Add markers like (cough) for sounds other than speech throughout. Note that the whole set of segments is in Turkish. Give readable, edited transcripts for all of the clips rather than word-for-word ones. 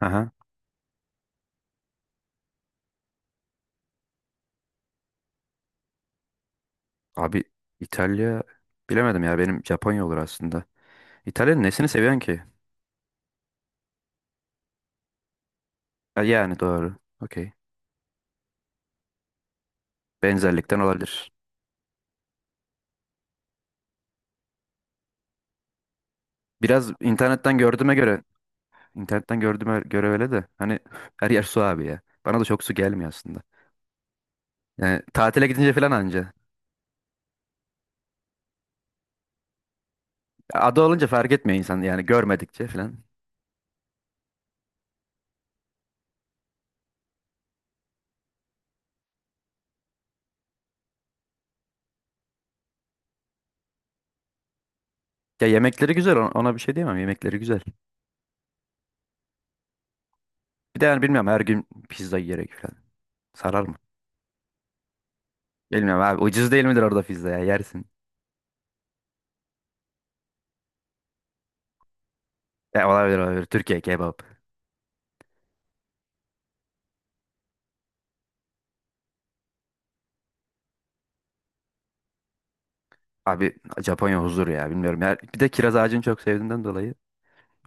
Aha. Abi İtalya bilemedim ya benim Japonya olur aslında. İtalya'nın nesini seviyorsun ki? Ha, Yani doğru. Okey. Benzerlikten olabilir. Biraz internetten gördüğüme göre internetten gördüğüme göre öyle de hani (laughs) her yer su abi ya. Bana da çok su gelmiyor aslında. Yani tatile gidince falan anca. Ada olunca fark etmiyor insan yani görmedikçe falan. Ya yemekleri güzel ona bir şey diyemem yemekleri güzel. Bir de yani bilmiyorum her gün pizza yiyerek falan. Sarar mı? Bilmiyorum abi ucuz değil midir orada pizza ya yersin. Ya olabilir olabilir. Türkiye kebap. Abi Japonya huzur ya bilmiyorum. Ya, bir de kiraz ağacını çok sevdiğimden dolayı.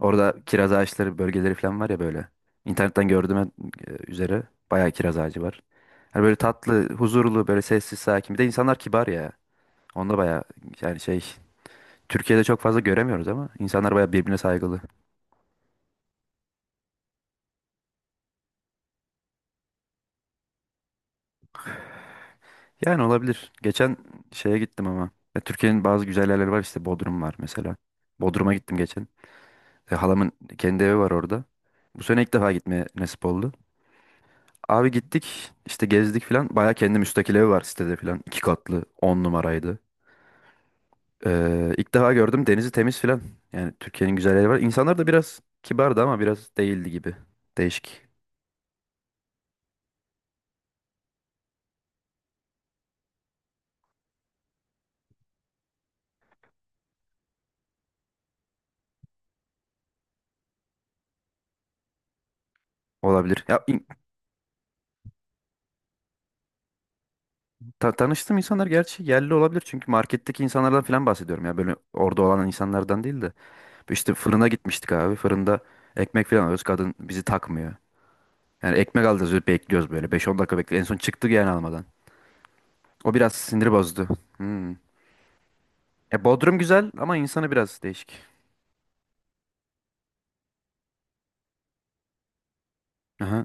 Orada kiraz ağaçları bölgeleri falan var ya böyle. İnternetten gördüğüme üzere bayağı kiraz ağacı var. Hani böyle tatlı, huzurlu, böyle sessiz, sakin. Bir de insanlar kibar ya. Onda bayağı yani şey Türkiye'de çok fazla göremiyoruz ama insanlar bayağı birbirine saygılı. Yani olabilir. Geçen şeye gittim ama. Ya, Türkiye'nin bazı güzel yerleri var işte Bodrum var mesela. Bodrum'a gittim geçen. Halamın kendi evi var orada. Bu sene ilk defa gitmeye nasip oldu. Abi gittik işte gezdik filan. Baya kendi müstakil evi var sitede filan. İki katlı on numaraydı. İlk defa gördüm denizi temiz filan. Yani Türkiye'nin güzel yeri var. İnsanlar da biraz kibardı ama biraz değildi gibi. Değişik olabilir. Tanıştığım insanlar gerçi yerli olabilir. Çünkü marketteki insanlardan filan bahsediyorum. Ya böyle orada olan insanlardan değil de. İşte fırına gitmiştik abi. Fırında ekmek filan alıyoruz. Kadın bizi takmıyor. Yani ekmek alacağız bekliyoruz böyle. Beş on dakika bekliyoruz. En son çıktık yani almadan. O biraz sinir bozdu. Hmm. Bodrum güzel ama insanı biraz değişik. Aha,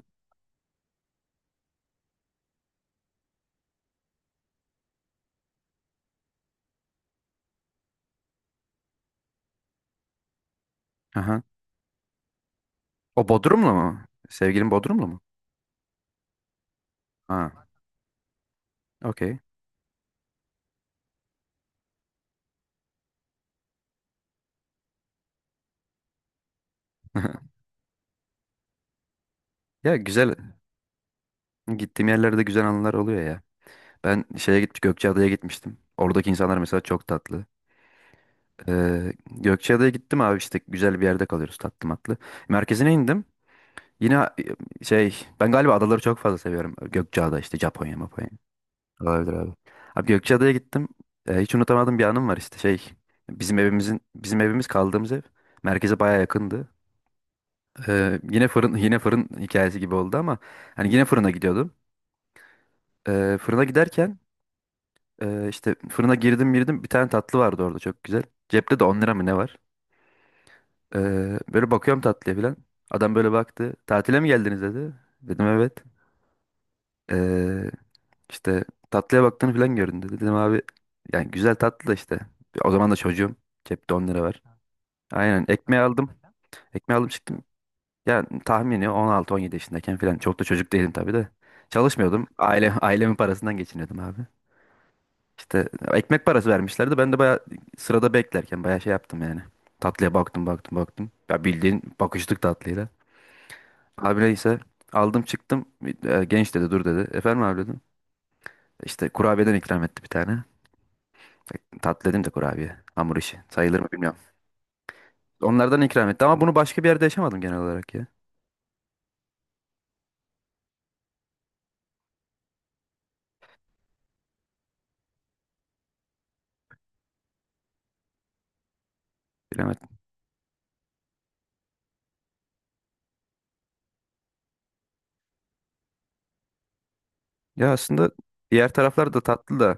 aha. O Bodrumlu mu? Sevgilin Bodrumlu mu? Ha, okey. (laughs) Ya güzel. Gittiğim yerlerde güzel anılar oluyor ya. Ben şeye gittim, Gökçeada'ya gitmiştim. Oradaki insanlar mesela çok tatlı. Gökçeada'ya gittim abi işte güzel bir yerde kalıyoruz tatlı matlı. Merkezine indim. Yine şey ben galiba adaları çok fazla seviyorum. Gökçeada işte Japonya, Japonya. Olabilir abi. Abi Gökçeada'ya gittim. Hiç unutamadığım bir anım var işte şey. Bizim evimiz kaldığımız ev merkeze baya yakındı. Yine fırın (laughs) yine fırın hikayesi gibi oldu ama hani yine fırına gidiyordum. Fırına giderken işte fırına girdim bir tane tatlı vardı orada çok güzel. Cepte de 10 lira mı ne var? E, Böyle bakıyorum tatlıya falan. Adam böyle baktı. Tatile mi geldiniz dedi. Dedim evet. Ee, İşte tatlıya baktığını falan göründü. Dedim abi yani güzel tatlı da işte. O zaman da çocuğum. Cepte 10 lira var. Aynen ekmeği aldım. Ekmeği aldım çıktım. Ya tahmini 16-17 yaşındayken falan. Çok da çocuk değilim tabii de. Çalışmıyordum. Aile, ailemin parasından geçiniyordum abi. İşte ekmek parası vermişlerdi. Ben de bayağı sırada beklerken bayağı şey yaptım yani. Tatlıya baktım baktım baktım. Ya bildiğin bakıştık tatlıyla. Abi neyse aldım çıktım. Genç dedi dur dedi. Efendim abi dedim. İşte kurabiyeden ikram etti bir tane. Tatlı dedim de kurabiye. Hamur işi. Sayılır mı bilmiyorum. Onlardan ikram etti ama bunu başka bir yerde yaşamadım genel olarak ya. Bilemedim. Ya aslında diğer taraflar da tatlı da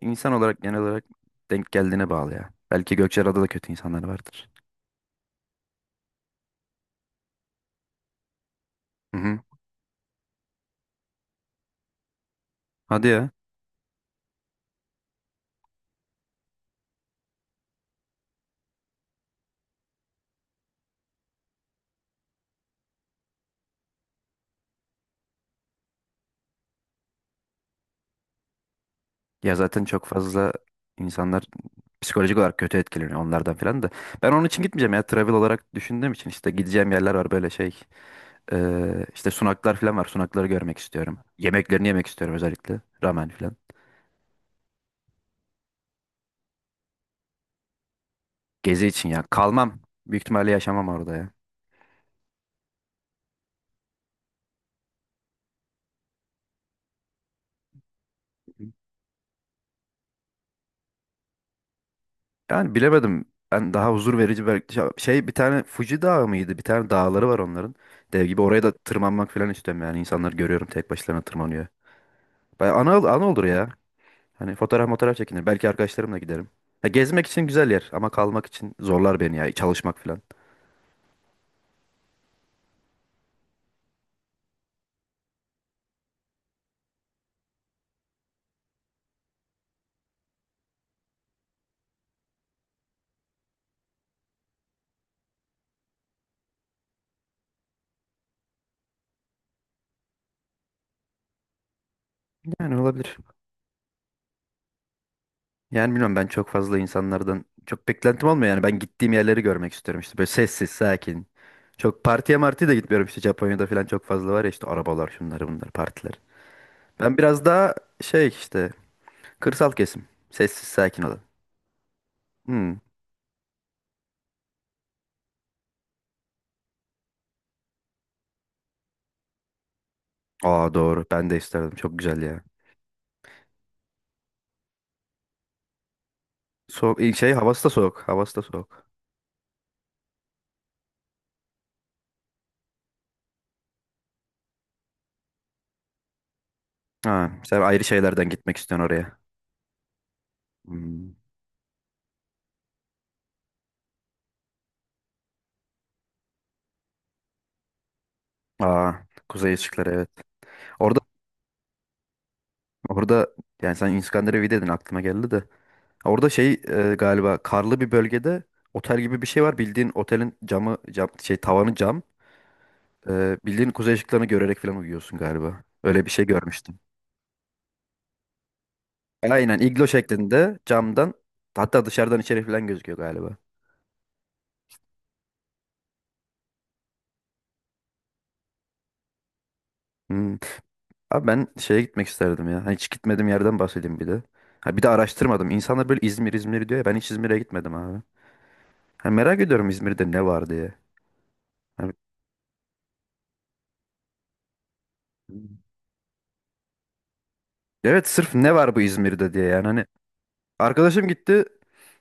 insan olarak genel olarak denk geldiğine bağlı ya. Belki Gökçeada'da da kötü insanlar vardır. Hı hı. Hadi ya. Ya zaten çok fazla insanlar psikolojik olarak kötü etkileniyor onlardan falan da. Ben onun için gitmeyeceğim ya. Travel olarak düşündüğüm için işte gideceğim yerler var böyle şey. İşte sunaklar falan var. Sunakları görmek istiyorum. Yemeklerini yemek istiyorum özellikle. Ramen falan. Gezi için ya. Kalmam. Büyük ihtimalle yaşamam orada ya. Yani bilemedim. Ben daha huzur verici belki şey şey, bir tane Fuji Dağı mıydı? Bir tane dağları var onların. Dev gibi oraya da tırmanmak falan istiyorum yani. İnsanları görüyorum tek başlarına tırmanıyor. Baya ana, ana olur ya. Hani fotoğraf fotoğraf çekinir. Belki arkadaşlarımla giderim. Ya gezmek için güzel yer ama kalmak için zorlar beni ya. Çalışmak falan. Yani olabilir. Yani bilmiyorum ben çok fazla insanlardan çok beklentim olmuyor yani ben gittiğim yerleri görmek istiyorum işte böyle sessiz sakin. Çok partiye martiye de gitmiyorum işte Japonya'da falan çok fazla var ya işte arabalar şunları bunlar partiler. Ben biraz daha şey işte kırsal kesim sessiz sakin olan. Hmm. Aa doğru ben de isterdim çok güzel ya. Soğuk iyi şey havası da soğuk havası da soğuk. Ha, sen ayrı şeylerden gitmek istiyorsun oraya. Hmm. Aa kuzey ışıkları evet. Orada orada yani sen İskandinavya'daydın aklıma geldi de. Orada şey galiba karlı bir bölgede otel gibi bir şey var. Bildiğin otelin camı cam şey tavanı cam. Bildiğin kuzey ışıklarını görerek falan uyuyorsun galiba. Öyle bir şey görmüştüm. Aynen iglo şeklinde camdan hatta dışarıdan içeri falan gözüküyor galiba. Hmm. Abi ben şeye gitmek isterdim ya. Hani hiç gitmediğim yerden bahsedeyim bir de. Ha, bir de araştırmadım. İnsanlar böyle İzmir İzmir diyor ya ben hiç İzmir'e gitmedim abi. Ha, merak ediyorum İzmir'de ne var diye. Hani- Evet sırf ne var bu İzmir'de diye yani hani arkadaşım gitti.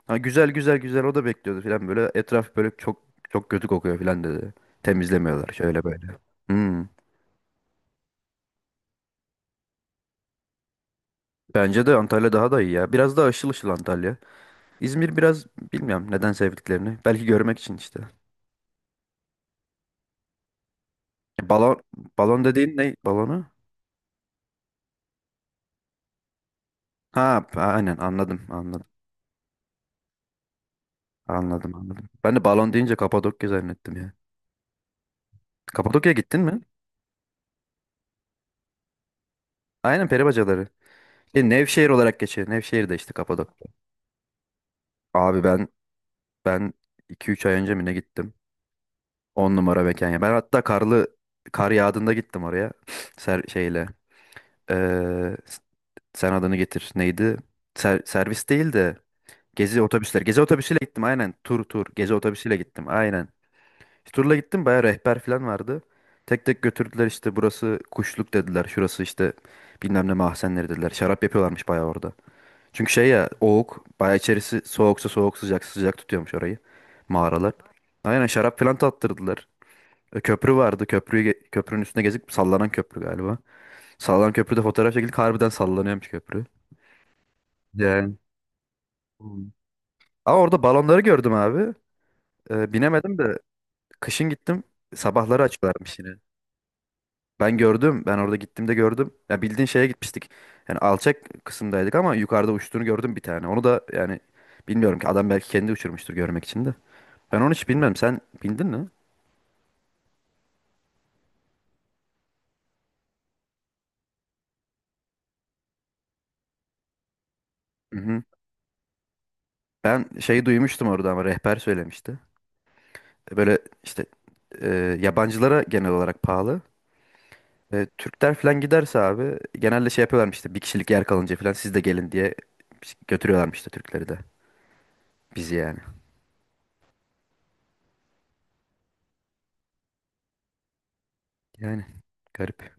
Ha, güzel güzel güzel o da bekliyordu falan böyle. Etraf böyle çok çok kötü kokuyor falan dedi. Temizlemiyorlar şöyle böyle. Hmm. Bence de Antalya daha da iyi ya. Biraz daha ışıl ışıl Antalya. İzmir biraz bilmiyorum neden sevdiklerini. Belki görmek için işte. Balon balon dediğin ne? Balonu? Ha, aynen anladım anladım. Anladım anladım. Ben de balon deyince Kapadokya zannettim ya. Kapadokya'ya gittin mi? Aynen peri bacaları. Nevşehir olarak geçiyor. Nevşehir de işte Kapadokya. Abi ben Ben iki üç ay önce mi ne gittim? On numara mekan ya. Ben hatta karlı kar yağdığında gittim oraya. (sniffs) Ser, şeyle. Ee, s- Sen adını getir. Neydi? Servis değil de gezi otobüsleri. Gezi otobüsüyle gittim aynen. Tur tur. Gezi otobüsüyle gittim aynen. İşte turla gittim bayağı rehber falan vardı. Tek tek götürdüler işte burası kuşluk dediler. Şurası işte bilmem ne mahzenleri dediler. Şarap yapıyorlarmış bayağı orada. Çünkü şey ya oğuk bayağı içerisi soğuksa soğuk sıcak sıcak tutuyormuş orayı mağaralar. Aynen şarap falan tattırdılar. Köprü vardı. Köprünün üstüne gezip sallanan köprü galiba. Sallanan köprüde fotoğraf çekildik. Harbiden sallanıyormuş köprü. Yani. Hmm. Ama orada balonları gördüm abi. Binemedim de kışın gittim. Sabahları açıyorlarmış yine. Ben gördüm. Ben orada gittiğimde gördüm. Ya bildiğin şeye gitmiştik. Yani alçak kısımdaydık ama yukarıda uçtuğunu gördüm bir tane. Onu da yani bilmiyorum ki adam belki kendi uçurmuştur görmek için de. Ben onu hiç bilmem. Sen bildin mi? Hı hı. Ben şeyi duymuştum orada ama rehber söylemişti. Böyle işte e, yabancılara genel olarak pahalı. Ve Türkler falan giderse abi genelde şey yapıyorlarmış işte bir kişilik yer kalınca falan siz de gelin diye götürüyorlarmış işte Türkleri de. Bizi yani. Yani garip.